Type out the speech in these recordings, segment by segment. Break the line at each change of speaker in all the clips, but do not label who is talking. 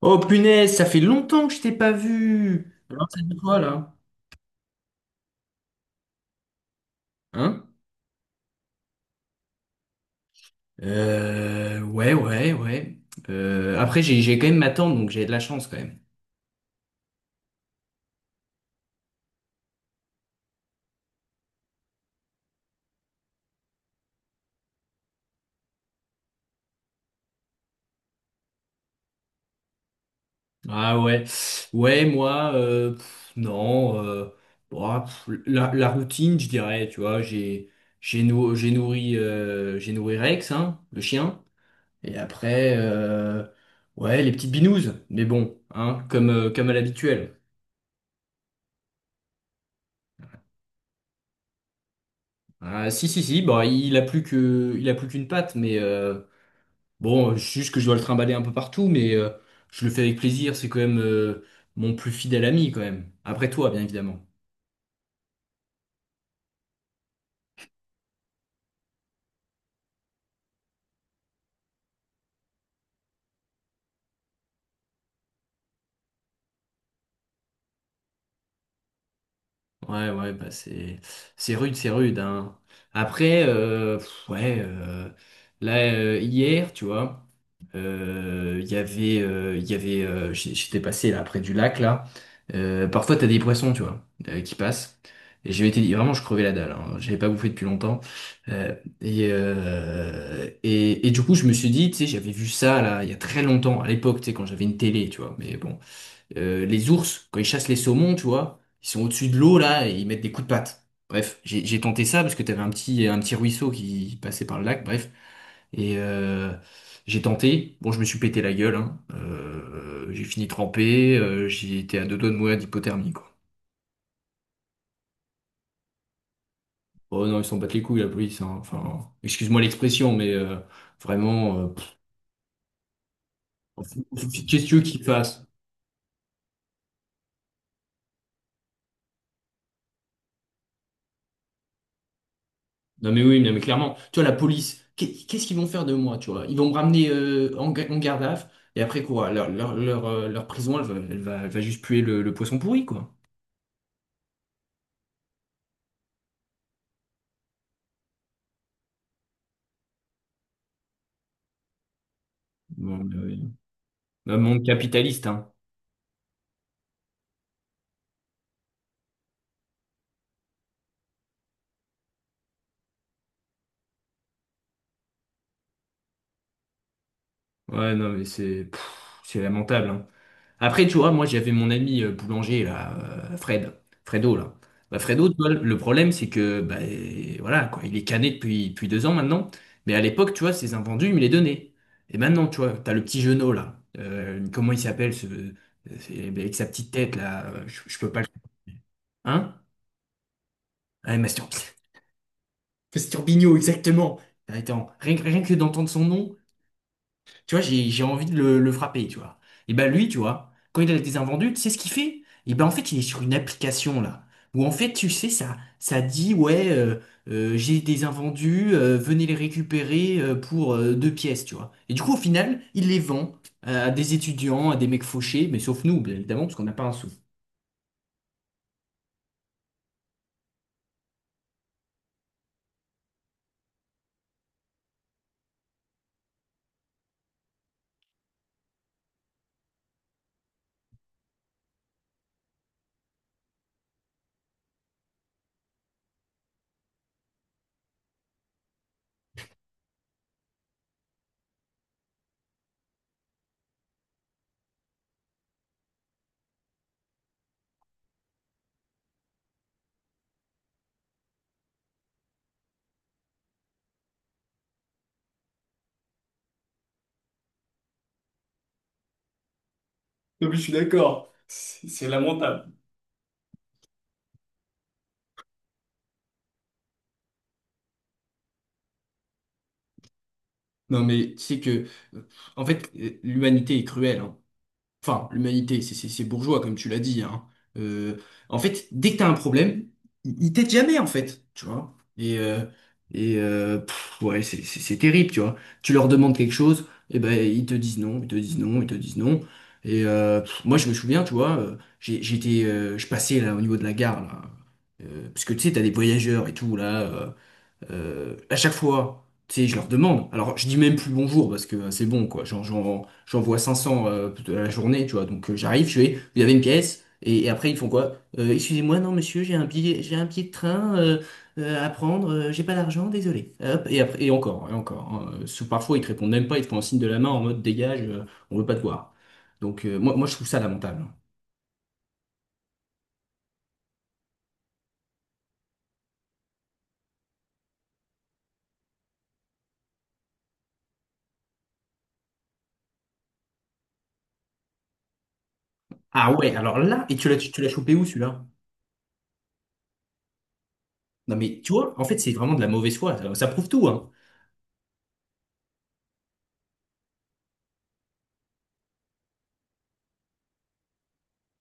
Oh punaise, ça fait longtemps que je t'ai pas vu. Alors, ça dit quoi là? Hein? Ouais, ouais, ouais. Après, j'ai quand même ma tante, donc j'ai de la chance quand même. Ah ouais. Ouais, moi, non. La routine, je dirais, tu vois, j'ai nourri Rex, hein, le chien. Et après, ouais, les petites binouses. Mais bon, hein, comme à l'habituel. Ah, si, si, si, bon, il a plus qu'une patte, mais bon, juste que je dois le trimballer un peu partout, mais je le fais avec plaisir, c'est quand même mon plus fidèle ami, quand même. Après toi, bien évidemment. Ouais, ouais, bah c'est rude, c'est rude, hein. Après, ouais, là hier, tu vois, il y avait, j'- j'étais passé là près du lac là. Parfois t'as des poissons, tu vois, qui passent. Et j'avais été vraiment, je crevais la dalle. Hein. J'avais pas bouffé depuis longtemps. Et du coup, je me suis dit, tu sais, j'avais vu ça là il y a très longtemps, à l'époque, tu sais, quand j'avais une télé, tu vois. Mais bon. Les ours, quand ils chassent les saumons, tu vois, ils sont au-dessus de l'eau là et ils mettent des coups de patte. Bref, j'ai tenté ça parce que t'avais un petit ruisseau qui passait par le lac, bref. Et euh, j'ai tenté. Bon, je me suis pété la gueule, hein. J'ai fini trempé, j'ai été à deux doigts de mourir d'hypothermie, quoi. Oh non, ils s'en battent les couilles, la police, hein. Enfin, excuse-moi l'expression, mais vraiment, qu'est-ce que tu veux qu'ils fassent? Non mais oui, non mais clairement, tu vois, la police, qu'est-ce qu'ils vont faire de moi, tu vois? Ils vont me ramener en garde à vue, et après quoi? Leur prison, elle va juste puer le poisson pourri, quoi. Bon, un monde capitaliste, hein. Ouais, non mais c'est lamentable, hein. Après, tu vois, moi, j'avais mon ami boulanger, là, euh, Fred, Fredo, là. Bah, Fredo, tu vois, le problème, c'est que, voilà, quoi, il est cané depuis 2 ans maintenant. Mais à l'époque, tu vois, ses invendus, il me les donnait. Et maintenant, tu vois, t'as le petit Jeunot, là. Comment il s'appelle, bah, avec sa petite tête, là. Je peux pas le. Hein? Ah, Masturbino, exactement. Attends, rien que d'entendre son nom, tu vois, j'ai envie de le frapper, tu vois. Et ben lui, tu vois, quand il a des invendus, tu sais ce qu'il fait? Et ben en fait, il est sur une application là, où en fait, tu sais, ça dit, ouais, j'ai des invendus, venez les récupérer pour 2 pièces, tu vois. Et du coup, au final, il les vend à des étudiants, à des mecs fauchés, mais sauf nous, bien évidemment, parce qu'on n'a pas un sou. Non, mais je suis d'accord. Non mais tu sais que, euh, en fait, l'humanité est cruelle, hein. Enfin, l'humanité, c'est bourgeois, comme tu l'as dit, hein. Euh, En fait, dès que t'as un problème, ils t'aident jamais, en fait, tu vois. Ouais, c'est terrible, tu vois. Tu leur demandes quelque chose, et ben ils te disent non, ils te disent non, ils te disent non. Moi, je me souviens, tu vois, je passais là au niveau de la gare, là. Parce que tu sais, t'as des voyageurs et tout là. À chaque fois, tu sais, je leur demande. Alors, je dis même plus bonjour parce que c'est bon, quoi. J'envoie 500 à la journée, tu vois. Donc, j'arrive, je fais, vous avez une pièce. Et après, ils font quoi? Excusez-moi, non, monsieur, j'ai un billet de train à prendre. J'ai pas d'argent, désolé. Hop, et après, et encore, et encore, hein. Parfois, ils te répondent même pas. Ils te font un signe de la main en mode dégage, on veut pas te voir. Donc, je trouve ça lamentable, hein. Ah ouais, alors là, et tu l'as chopé où celui-là? Non, mais tu vois, en fait, c'est vraiment de la mauvaise foi. Ça prouve tout, hein.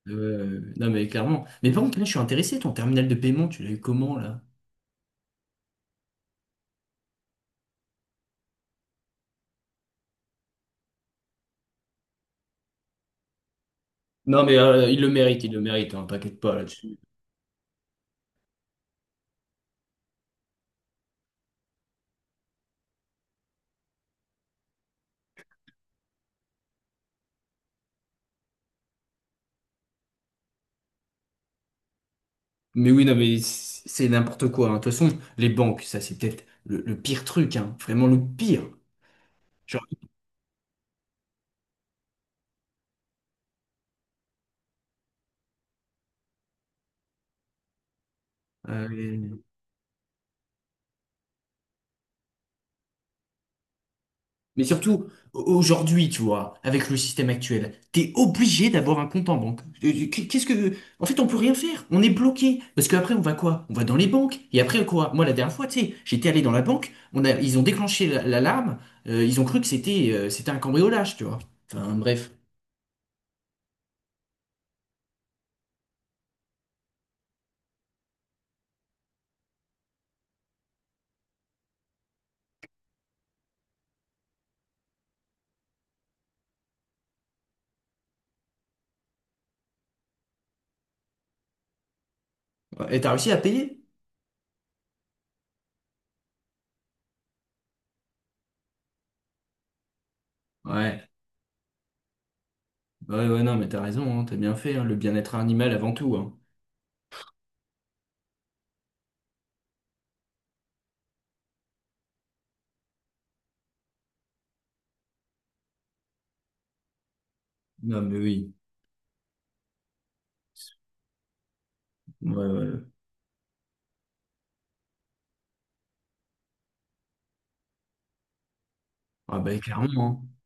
Non mais clairement. Mais par contre, là, je suis intéressé, ton terminal de paiement, tu l'as eu comment là? Non mais il le mérite, hein, t'inquiète pas là-dessus. Mais oui, non mais c'est n'importe quoi, hein. De toute façon, les banques, ça c'est peut-être le pire truc, hein, vraiment le pire. Genre, euh, mais surtout, aujourd'hui, tu vois, avec le système actuel, t'es obligé d'avoir un compte en banque. Qu'est-ce que... en fait, on peut rien faire. On est bloqué. Parce qu'après, on va quoi? On va dans les banques. Et après, quoi? Moi, la dernière fois, tu sais, j'étais allé dans la banque, ils ont déclenché l'alarme, ils ont cru que c'était un cambriolage, tu vois. Enfin, bref. Et t'as réussi à payer? Ouais. Ouais, ouais, non, mais t'as raison, hein, t'as bien fait, hein, le bien-être animal avant tout, hein. Non, mais oui. Ouais, ouais. Ah, bah, clairement, hein.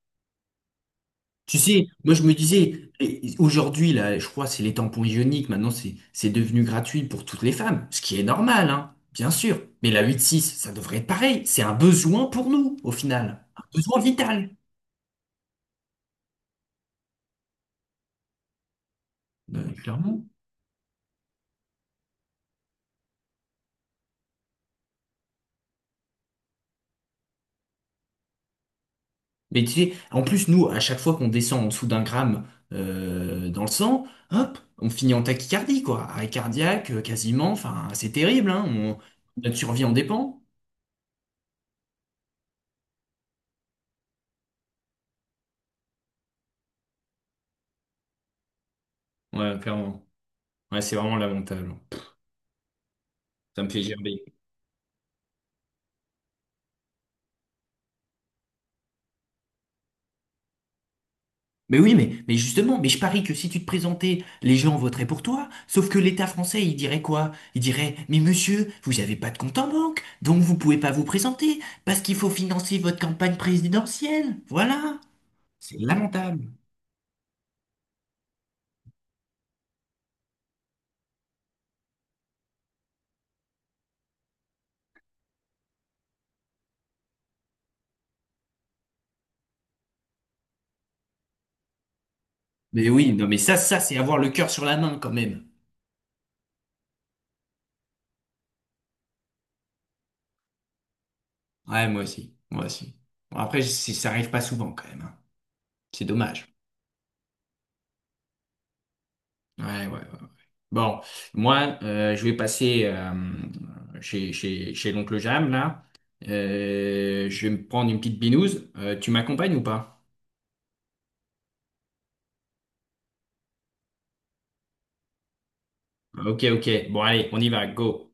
Tu sais, moi je me disais, aujourd'hui, là, je crois que c'est les tampons ioniques, maintenant c'est devenu gratuit pour toutes les femmes, ce qui est normal, hein, bien sûr. Mais la 8-6, ça devrait être pareil. C'est un besoin pour nous, au final. Un besoin vital, clairement. Mais tu sais, en plus, nous, à chaque fois qu'on descend en dessous d'1 gramme dans le sang, hop, on finit en tachycardie, quoi. Arrêt cardiaque, quasiment, enfin, c'est terrible, hein. Notre survie en dépend. Ouais, clairement. Ouais, c'est vraiment lamentable. Ça me fait gerber. Mais oui, mais justement, mais je parie que si tu te présentais, les gens voteraient pour toi. Sauf que l'État français, il dirait quoi? Il dirait, mais monsieur, vous n'avez pas de compte en banque, donc vous pouvez pas vous présenter, parce qu'il faut financer votre campagne présidentielle. Voilà. C'est lamentable. Mais oui, non, mais c'est avoir le cœur sur la main quand même. Ouais, moi aussi, moi aussi. Bon, après, ça arrive pas souvent quand même, hein. C'est dommage. Ouais, ouais. Bon, moi, je vais passer chez l'oncle Jam, là. Je vais me prendre une petite binouse. Tu m'accompagnes ou pas? Ah, ok, ok. Bon, allez, on y va, go.